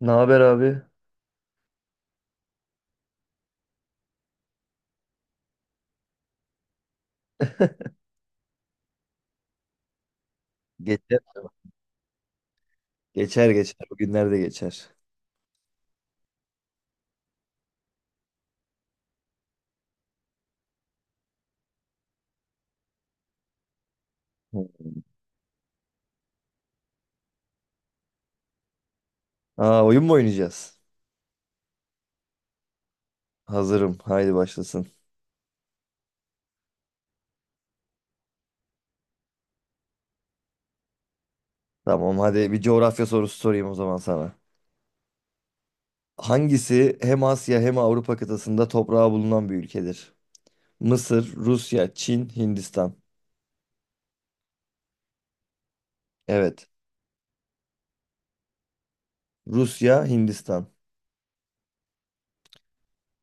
Ne haber abi? Geçer. Geçer geçer. Bu günler de geçer. Aa, oyun mu oynayacağız? Hazırım. Haydi başlasın. Tamam, hadi bir coğrafya sorusu sorayım o zaman sana. Hangisi hem Asya hem Avrupa kıtasında toprağı bulunan bir ülkedir? Mısır, Rusya, Çin, Hindistan. Evet. Rusya, Hindistan.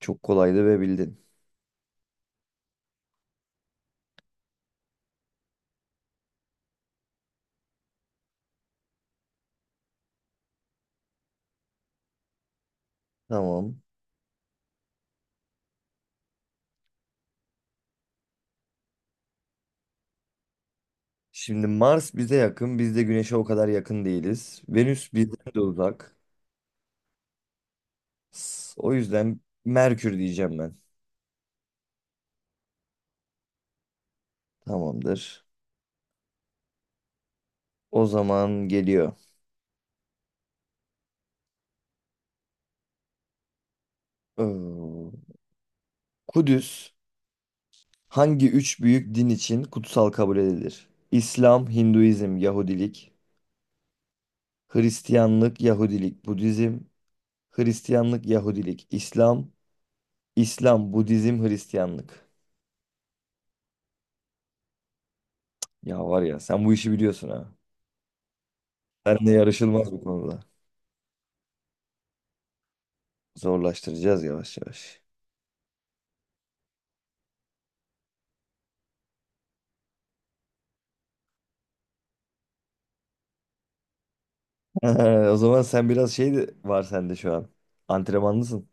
Çok kolaydı ve bildin. Tamam. Şimdi Mars bize yakın. Biz de Güneş'e o kadar yakın değiliz. Venüs bizden de uzak. O yüzden Merkür diyeceğim ben. Tamamdır. O zaman geliyor. Ee, Kudüs hangi üç büyük din için kutsal kabul edilir? İslam, Hinduizm, Yahudilik. Hristiyanlık, Yahudilik, Budizm. Hristiyanlık, Yahudilik, İslam. İslam, Budizm, Hristiyanlık. Ya var ya, sen bu işi biliyorsun ha. Seninle yarışılmaz bu konuda. Zorlaştıracağız yavaş yavaş. O zaman sen biraz şey de var sende şu an. Antrenmanlısın.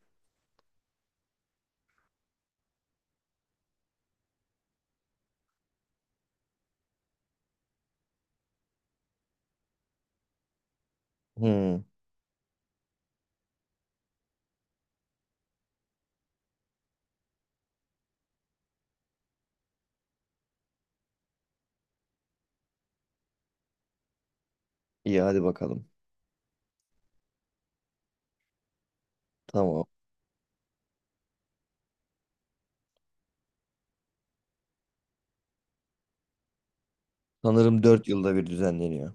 Hmm, iyi hadi bakalım. Tamam. Sanırım 4 yılda bir düzenleniyor.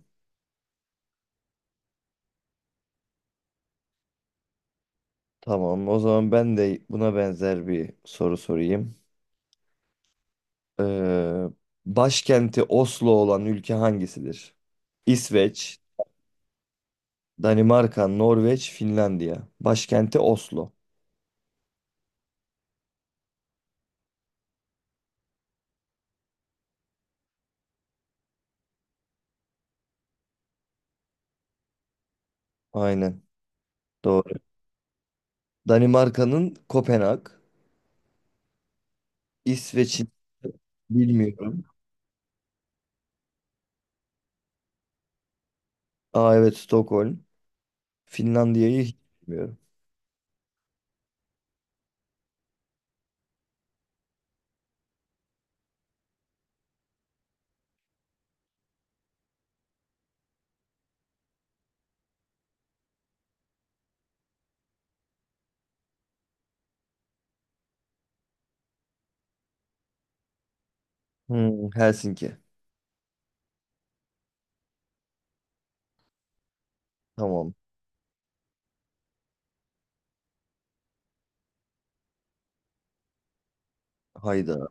Tamam, o zaman ben de buna benzer bir soru sorayım. Ee, başkenti Oslo olan ülke hangisidir? İsveç, Danimarka, Norveç, Finlandiya. Başkenti Oslo. Aynen, doğru. Danimarka'nın Kopenhag, İsveç'in bilmiyorum. Aa, evet, Stockholm. Finlandiya'yı hiç bilmiyorum. Helsinki. Tamam. Hayda.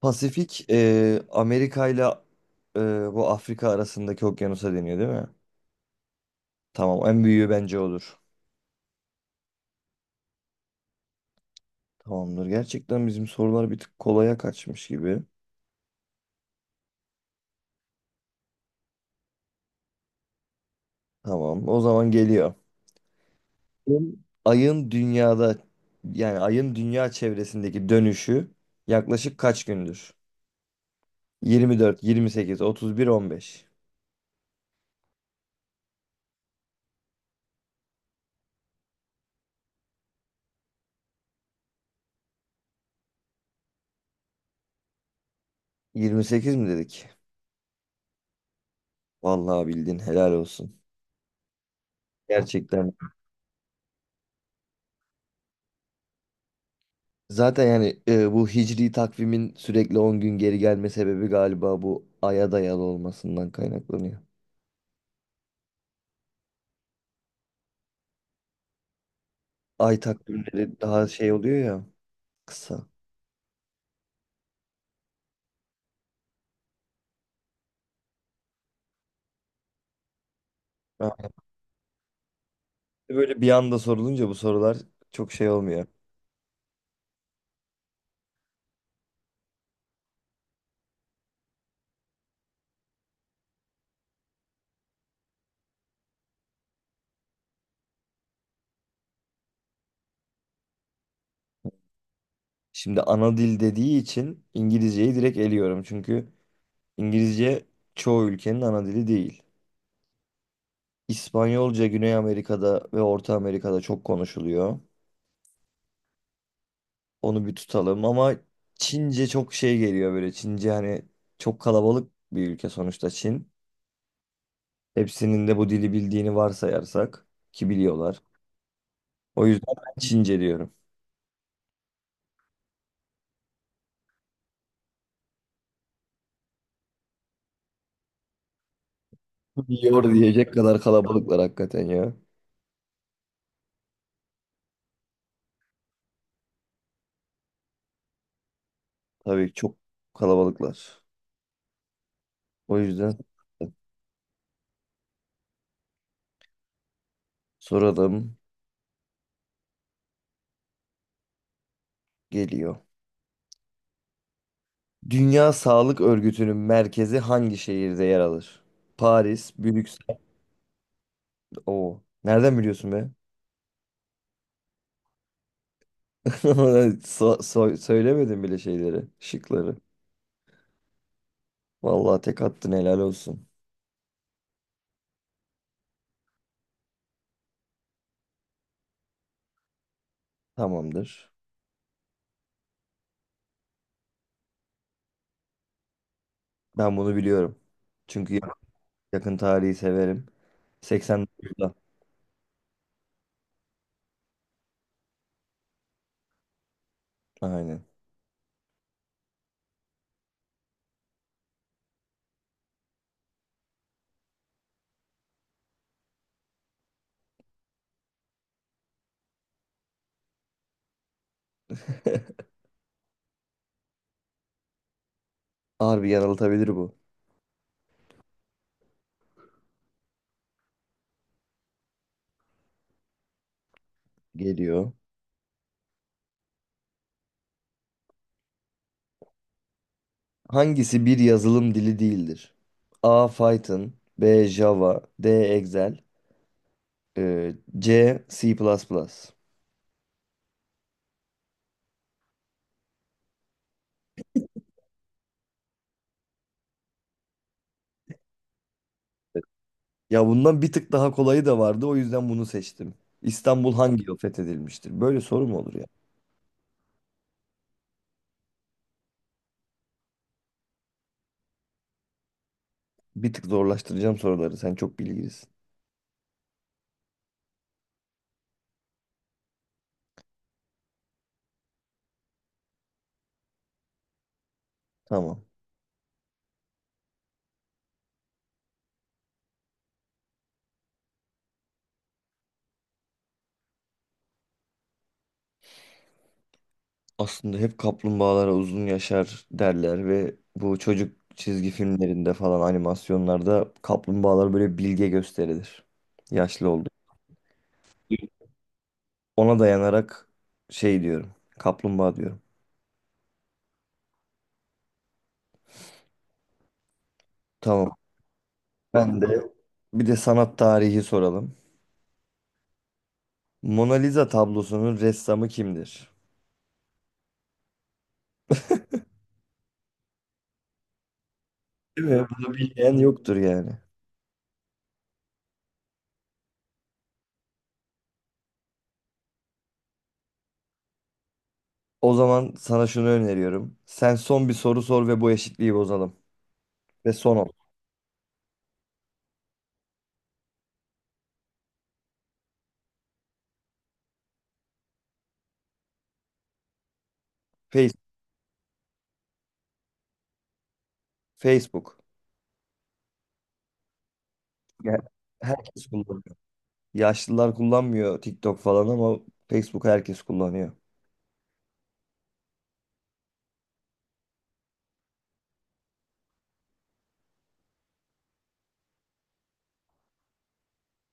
Pasifik, Amerika ile e, bu Afrika arasındaki okyanusa deniyor değil mi? Tamam, en büyüğü bence odur. Tamamdır. Gerçekten bizim sorular bir tık kolaya kaçmış gibi. Tamam, o zaman geliyor. Ayın ayın dünyada ayın dünya çevresindeki dönüşü yaklaşık kaç gündür? 24, 28, 31, 15. 28 mi dedik? Vallahi bildin, helal olsun. Gerçekten. Zaten yani, bu hicri takvimin sürekli 10 gün geri gelme sebebi galiba bu aya dayalı olmasından kaynaklanıyor. Ay takvimleri daha şey oluyor ya, kısa. Ha, işte böyle bir anda sorulunca bu sorular çok şey olmuyor. Şimdi ana dil dediği için İngilizceyi direkt eliyorum. Çünkü İngilizce çoğu ülkenin ana dili değil. İspanyolca Güney Amerika'da ve Orta Amerika'da çok konuşuluyor. Onu bir tutalım ama Çince çok şey geliyor böyle. Çince, hani çok kalabalık bir ülke sonuçta Çin. Hepsinin de bu dili bildiğini varsayarsak ki biliyorlar. O yüzden ben Çince diyorum. Biliyor diyecek kadar kalabalıklar hakikaten ya. Tabii, çok kalabalıklar. O yüzden soralım geliyor. Dünya Sağlık Örgütü'nün merkezi hangi şehirde yer alır? Paris, Brüksel. Oo. Nereden biliyorsun be? Söylemedim bile şeyleri, şıkları. Vallahi tek attın, helal olsun. Tamamdır. Ben bunu biliyorum. Çünkü yakın tarihi severim. 89'da. Aynen. Harbi yanıltabilir bu. Geliyor. Hangisi bir yazılım dili değildir? A. Python, B. Java, D. Excel, e, C. C++. Ya bundan bir tık daha kolayı da vardı, o yüzden bunu seçtim. İstanbul hangi yıl fethedilmiştir? Böyle soru mu olur ya? Bir tık zorlaştıracağım soruları. Sen çok bilgilisin. Tamam. Aslında hep kaplumbağalara uzun yaşar derler ve bu çocuk çizgi filmlerinde falan, animasyonlarda kaplumbağalar böyle bilge gösterilir. Yaşlı oldu. Ona dayanarak şey diyorum. Kaplumbağa diyorum. Tamam. Ben de bir de sanat tarihi soralım. Mona Lisa tablosunun ressamı kimdir? Değil mi? Bunu bilmeyen yoktur yani. O zaman sana şunu öneriyorum. Sen son bir soru sor ve bu eşitliği bozalım. Ve son ol. Face, Facebook. Ya- Herkes kullanıyor. Yaşlılar kullanmıyor TikTok falan ama Facebook herkes kullanıyor.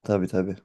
Tabii tabii.